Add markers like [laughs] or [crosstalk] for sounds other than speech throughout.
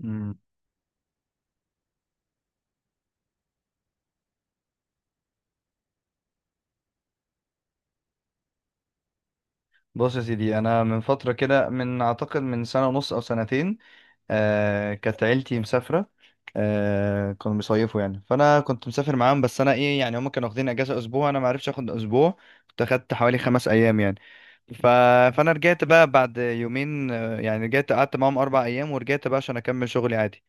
مم. بص يا سيدي، انا من فتره كده، من اعتقد من سنه ونص او سنتين. كانت عيلتي مسافره. كانوا بيصيفوا يعني، فانا كنت مسافر معاهم. بس انا ايه يعني، هم كانوا واخدين اجازه اسبوع، انا ما عرفتش اخد اسبوع. كنت اخدت حوالي 5 ايام يعني. ف... فانا رجعت بقى بعد يومين، يعني رجعت قعدت معاهم 4 ايام ورجعت بقى عشان اكمل شغلي عادي.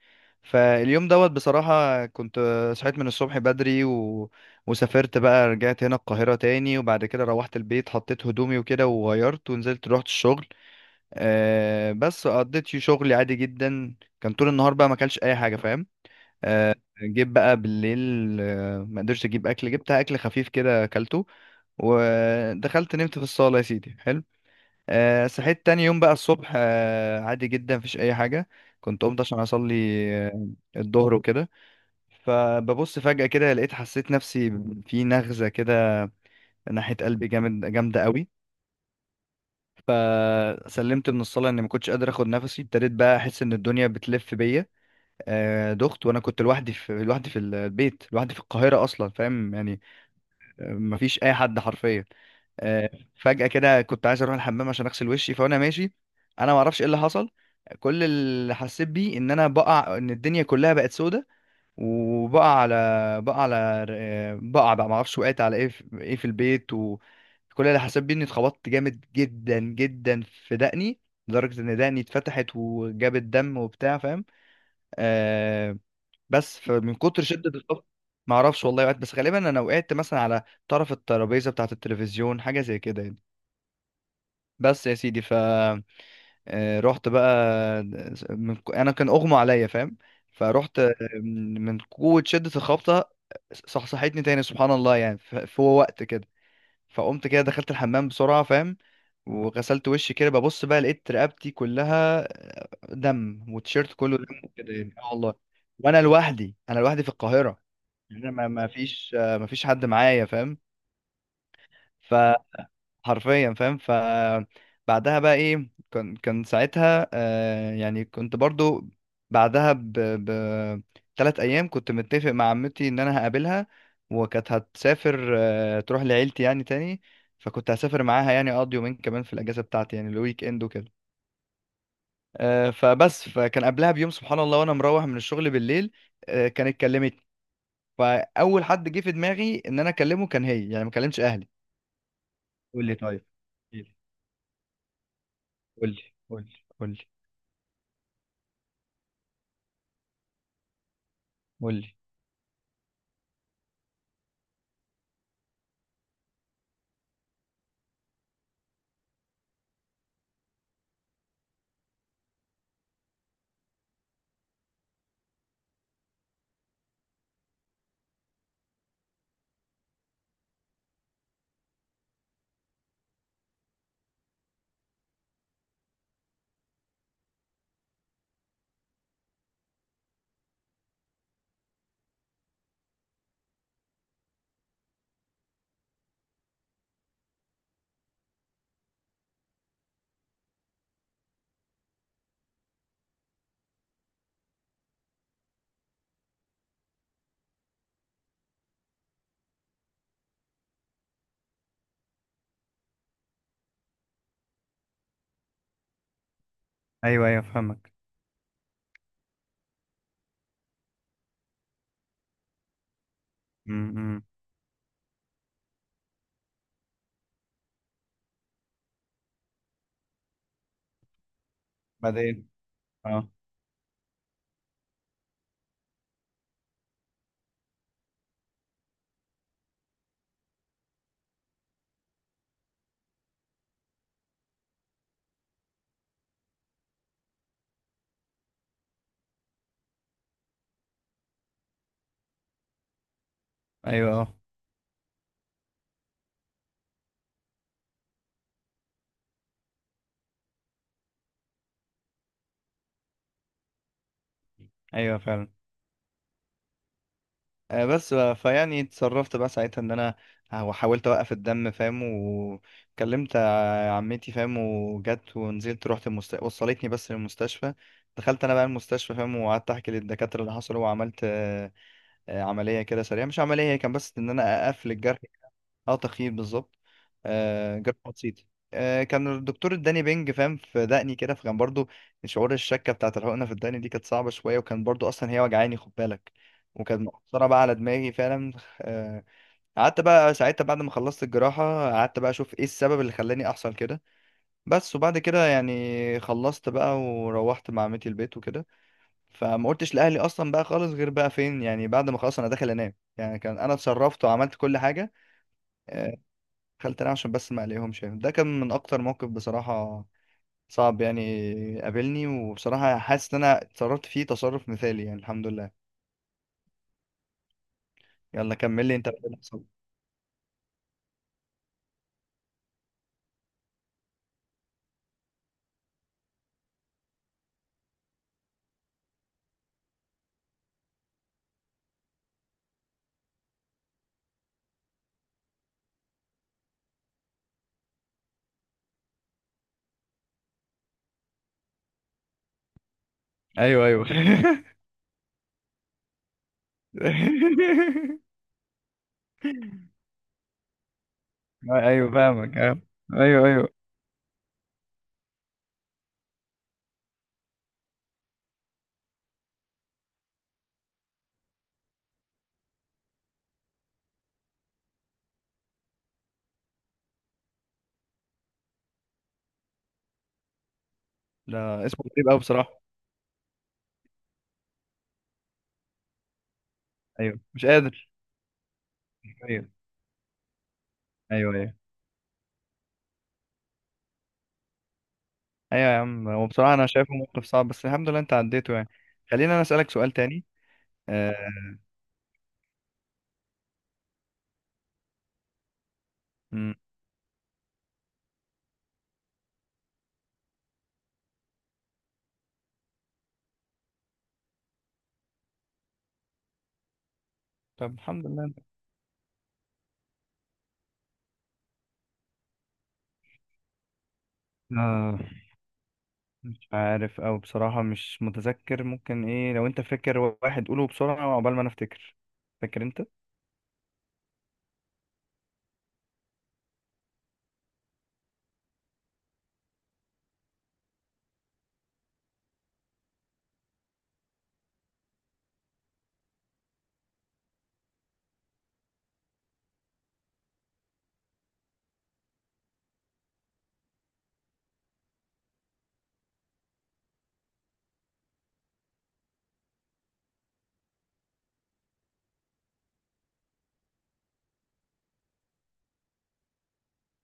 فاليوم دوت بصراحة، كنت صحيت من الصبح بدري، وسافرت بقى رجعت هنا القاهرة تاني، وبعد كده روحت البيت، حطيت هدومي وكده وغيرت، ونزلت رحت الشغل. بس قضيت فيه شغلي عادي جدا. كان طول النهار بقى ما اكلش اي حاجة، فاهم؟ آه جيت بقى بالليل، ما قدرتش اجيب اكل، جبت اكل خفيف كده اكلته، ودخلت نمت في الصالة يا سيدي حلو. صحيت تاني يوم بقى الصبح، عادي جدا، مفيش اي حاجه. كنت قمت عشان اصلي، آه الظهر وكده. فببص فجاه كده، لقيت حسيت نفسي في نغزه كده ناحيه قلبي، جامده قوي. فسلمت من الصلاه اني ما كنتش قادر اخد نفسي، ابتديت بقى احس ان الدنيا بتلف بيا. دخت، وانا كنت لوحدي، في البيت، لوحدي في القاهره اصلا، فاهم يعني؟ مفيش اي حد حرفيا. آه، فجأة كده كنت عايز اروح الحمام عشان اغسل وشي، فانا ماشي، انا ما اعرفش ايه اللي حصل. كل اللي حسيت بيه ان انا بقع، ان الدنيا كلها بقت سودة، وبقع على بقع على آه، بقع بقى ما اعرفش وقعت على ايه، في البيت. وكل اللي حسيت بيه اني اتخبطت جامد جدا جدا في دقني، لدرجة ان دقني اتفتحت وجابت دم وبتاع، فاهم؟ آه بس فمن كتر شدة الخبط، ما اعرفش والله وقعت، بس غالبا انا وقعت مثلا على طرف الترابيزة بتاعة التلفزيون، حاجة زي كده يعني. بس يا سيدي، ف آه، رحت بقى، انا كان اغمى عليا، فاهم؟ فرحت، من قوة شدة الخبطة صحصحتني تاني، سبحان الله يعني، في وقت كده. فقمت كده دخلت الحمام بسرعة، فاهم؟ وغسلت وشي كده، ببص بقى لقيت رقبتي كلها دم، والتيشيرت كله دم كده يعني، اه والله. وانا لوحدي، انا لوحدي في القاهرة، يعني انا ما فيش، ما فيش حد معايا، فاهم؟ حرفيا، فاهم؟ فبعدها بقى ايه، كان ساعتها يعني كنت برضو. بعدها 3 ايام كنت متفق مع عمتي ان انا هقابلها، وكانت هتسافر تروح لعيلتي يعني تاني. فكنت هسافر معاها، يعني اقضي يومين كمان في الاجازه بتاعتي، يعني الويك اند وكده. فبس فكان قبلها بيوم، سبحان الله، وانا مروح من الشغل بالليل، كانت كلمت. فاول حد جه في دماغي ان انا اكلمه كان هي، يعني ما كلمتش اهلي. قول لي طيب. قول لي قول لي. قول لي. قول لي. ايوه، ايوه، فهمك. امم. بعدين. اه. ايوه. اه. ايوه فعلا. بس بقى، فيعني اتصرفت بقى ساعتها ان انا حاولت اوقف الدم، فاهم؟ وكلمت عمتي، فاهم؟ وجت ونزلت رحت، وصلتني بس للمستشفى. دخلت انا بقى المستشفى، فاهم؟ وقعدت احكي للدكاتره اللي حصل، وعملت عمليه كده سريعه، مش عمليه، هي كان بس ان انا اقفل الجرح. اه، تخييم بالظبط. جراحة بسيطة. كان الدكتور اداني بنج، فاهم؟ في دقني كده، فكان برضو شعور الشكة بتاعت الحقنة في الدقن دي كانت صعبة شوية، وكان برضو أصلا هي وجعاني، خد بالك. وكانت مؤثرة بقى على دماغي فعلا. آه قعدت بقى ساعتها بعد ما خلصت الجراحة، قعدت بقى أشوف إيه السبب اللي خلاني أحصل كده. بس وبعد كده يعني خلصت بقى، وروحت مع عمتي البيت وكده. فما قلتش لأهلي أصلا بقى خالص، غير بقى فين، يعني بعد ما خلاص أنا داخل أنام، يعني كان أنا اتصرفت وعملت كل حاجة. آه، خلت انا عشان بس ما عليهمش، يعني ده كان من اكتر موقف بصراحة صعب يعني قابلني، وبصراحة حاسس ان انا اتصرفت فيه تصرف مثالي، يعني الحمد لله. يلا كمل لي انت بقى اللي حصل. ايوه، ايوه. [laughs] ايوه فاهمك. آه. ايوه، ايوه. لا، اسمه غريب قوي بصراحة. ايوه مش قادر. ايوه، ايوه، ايوه. ايوه يا عم، هو بصراحة انا شايفه موقف صعب، بس الحمد لله انت عديته يعني. خلينا، انا اسألك سؤال تاني. آه. مم. طب الحمد لله. آه. مش عارف، او بصراحة مش متذكر، ممكن ايه لو انت فاكر. واحد قوله بسرعة عقبال ما انا افتكر. فاكر انت؟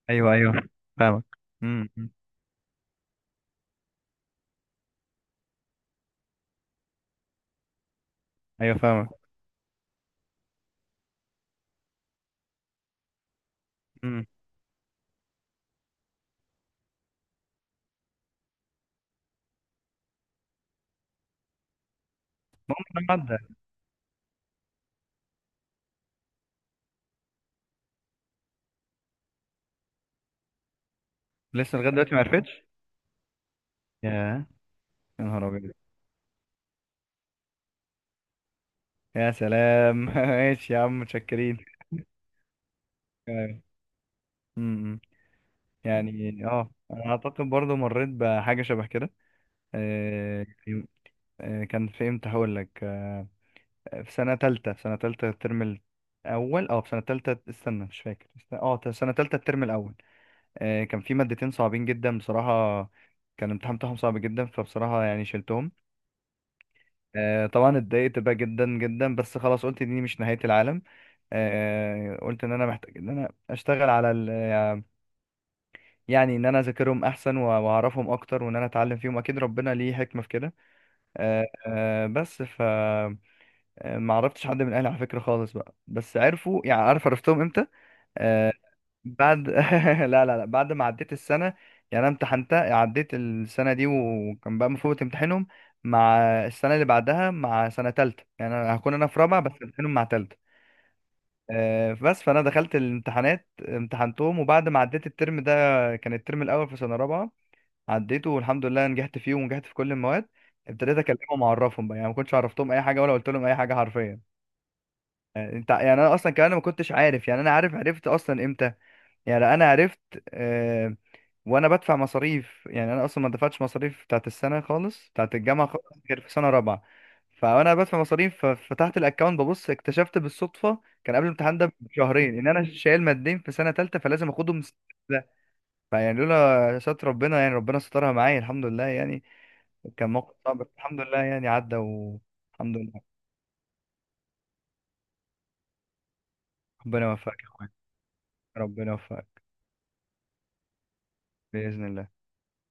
ايوه، ايوه، فاهمك. امم. ايوه فاهمك. امم. عدى. لسه لغاية دلوقتي ما عرفتش. يا يا نهار ابيض. يا سلام. [laughs] ماشي يا عم، متشكرين. أيوة. امم، يعني اه، انا اعتقد برضو مريت بحاجة شبه كده. آه، كان في امتى، هقول لك. في سنة تالتة، الترم الأول، أو في سنة تالتة، استنى، مش فاكر، في سنة تالتة الترم الأول. كان في مادتين صعبين جدا بصراحة، كان الامتحان بتاعهم صعب جدا، فبصراحة يعني شلتهم. طبعا اتضايقت بقى جدا جدا، بس خلاص قلت دي مش نهاية العالم. قلت إن أنا محتاج إن أنا أشتغل على يعني إن أنا أذاكرهم أحسن، وأعرفهم أكتر، وإن أنا أتعلم فيهم، أكيد ربنا ليه حكمة في كده. بس، ما عرفتش حد من الاهلي على فكره خالص بقى، بس عرفوا، يعني عارف عرفتهم امتى؟ آه بعد [laughs] لا، لا، لا، بعد ما عديت السنه. يعني انا امتحنتها، عديت السنه دي، وكان بقى المفروض امتحنهم مع السنه اللي بعدها، مع سنه تالته، يعني انا هكون انا في رابعه بس امتحنهم مع تالته. بس فانا دخلت الامتحانات امتحنتهم، وبعد ما عديت الترم ده، كان الترم الاول في سنه رابعه، عديته والحمد لله نجحت فيه ونجحت في كل المواد. ابتديت اكلمهم واعرفهم بقى، يعني ما كنتش عرفتهم اي حاجه، ولا قلت لهم اي حاجه حرفيا. يعني انت، يعني انا اصلا كمان ما كنتش عارف، يعني انا عارف عرفت اصلا امتى؟ يعني انا عرفت آه وانا بدفع مصاريف. يعني انا اصلا ما دفعتش مصاريف بتاعت السنه خالص، بتاعت الجامعه خالص، غير في سنه رابعه. فانا بدفع مصاريف، ففتحت الاكونت، ببص، اكتشفت بالصدفه، كان قبل الامتحان ده بشهرين، ان انا شايل مادين في سنه ثالثه، فلازم اخدهم السنة ده. فيعني لولا ستر ربنا، يعني ربنا سترها معايا، الحمد لله يعني. كان موقف صعب بس الحمد لله يعني عدى، والحمد لله. ربنا يوفقك يا اخويا، ربنا يوفقك. باذن الله.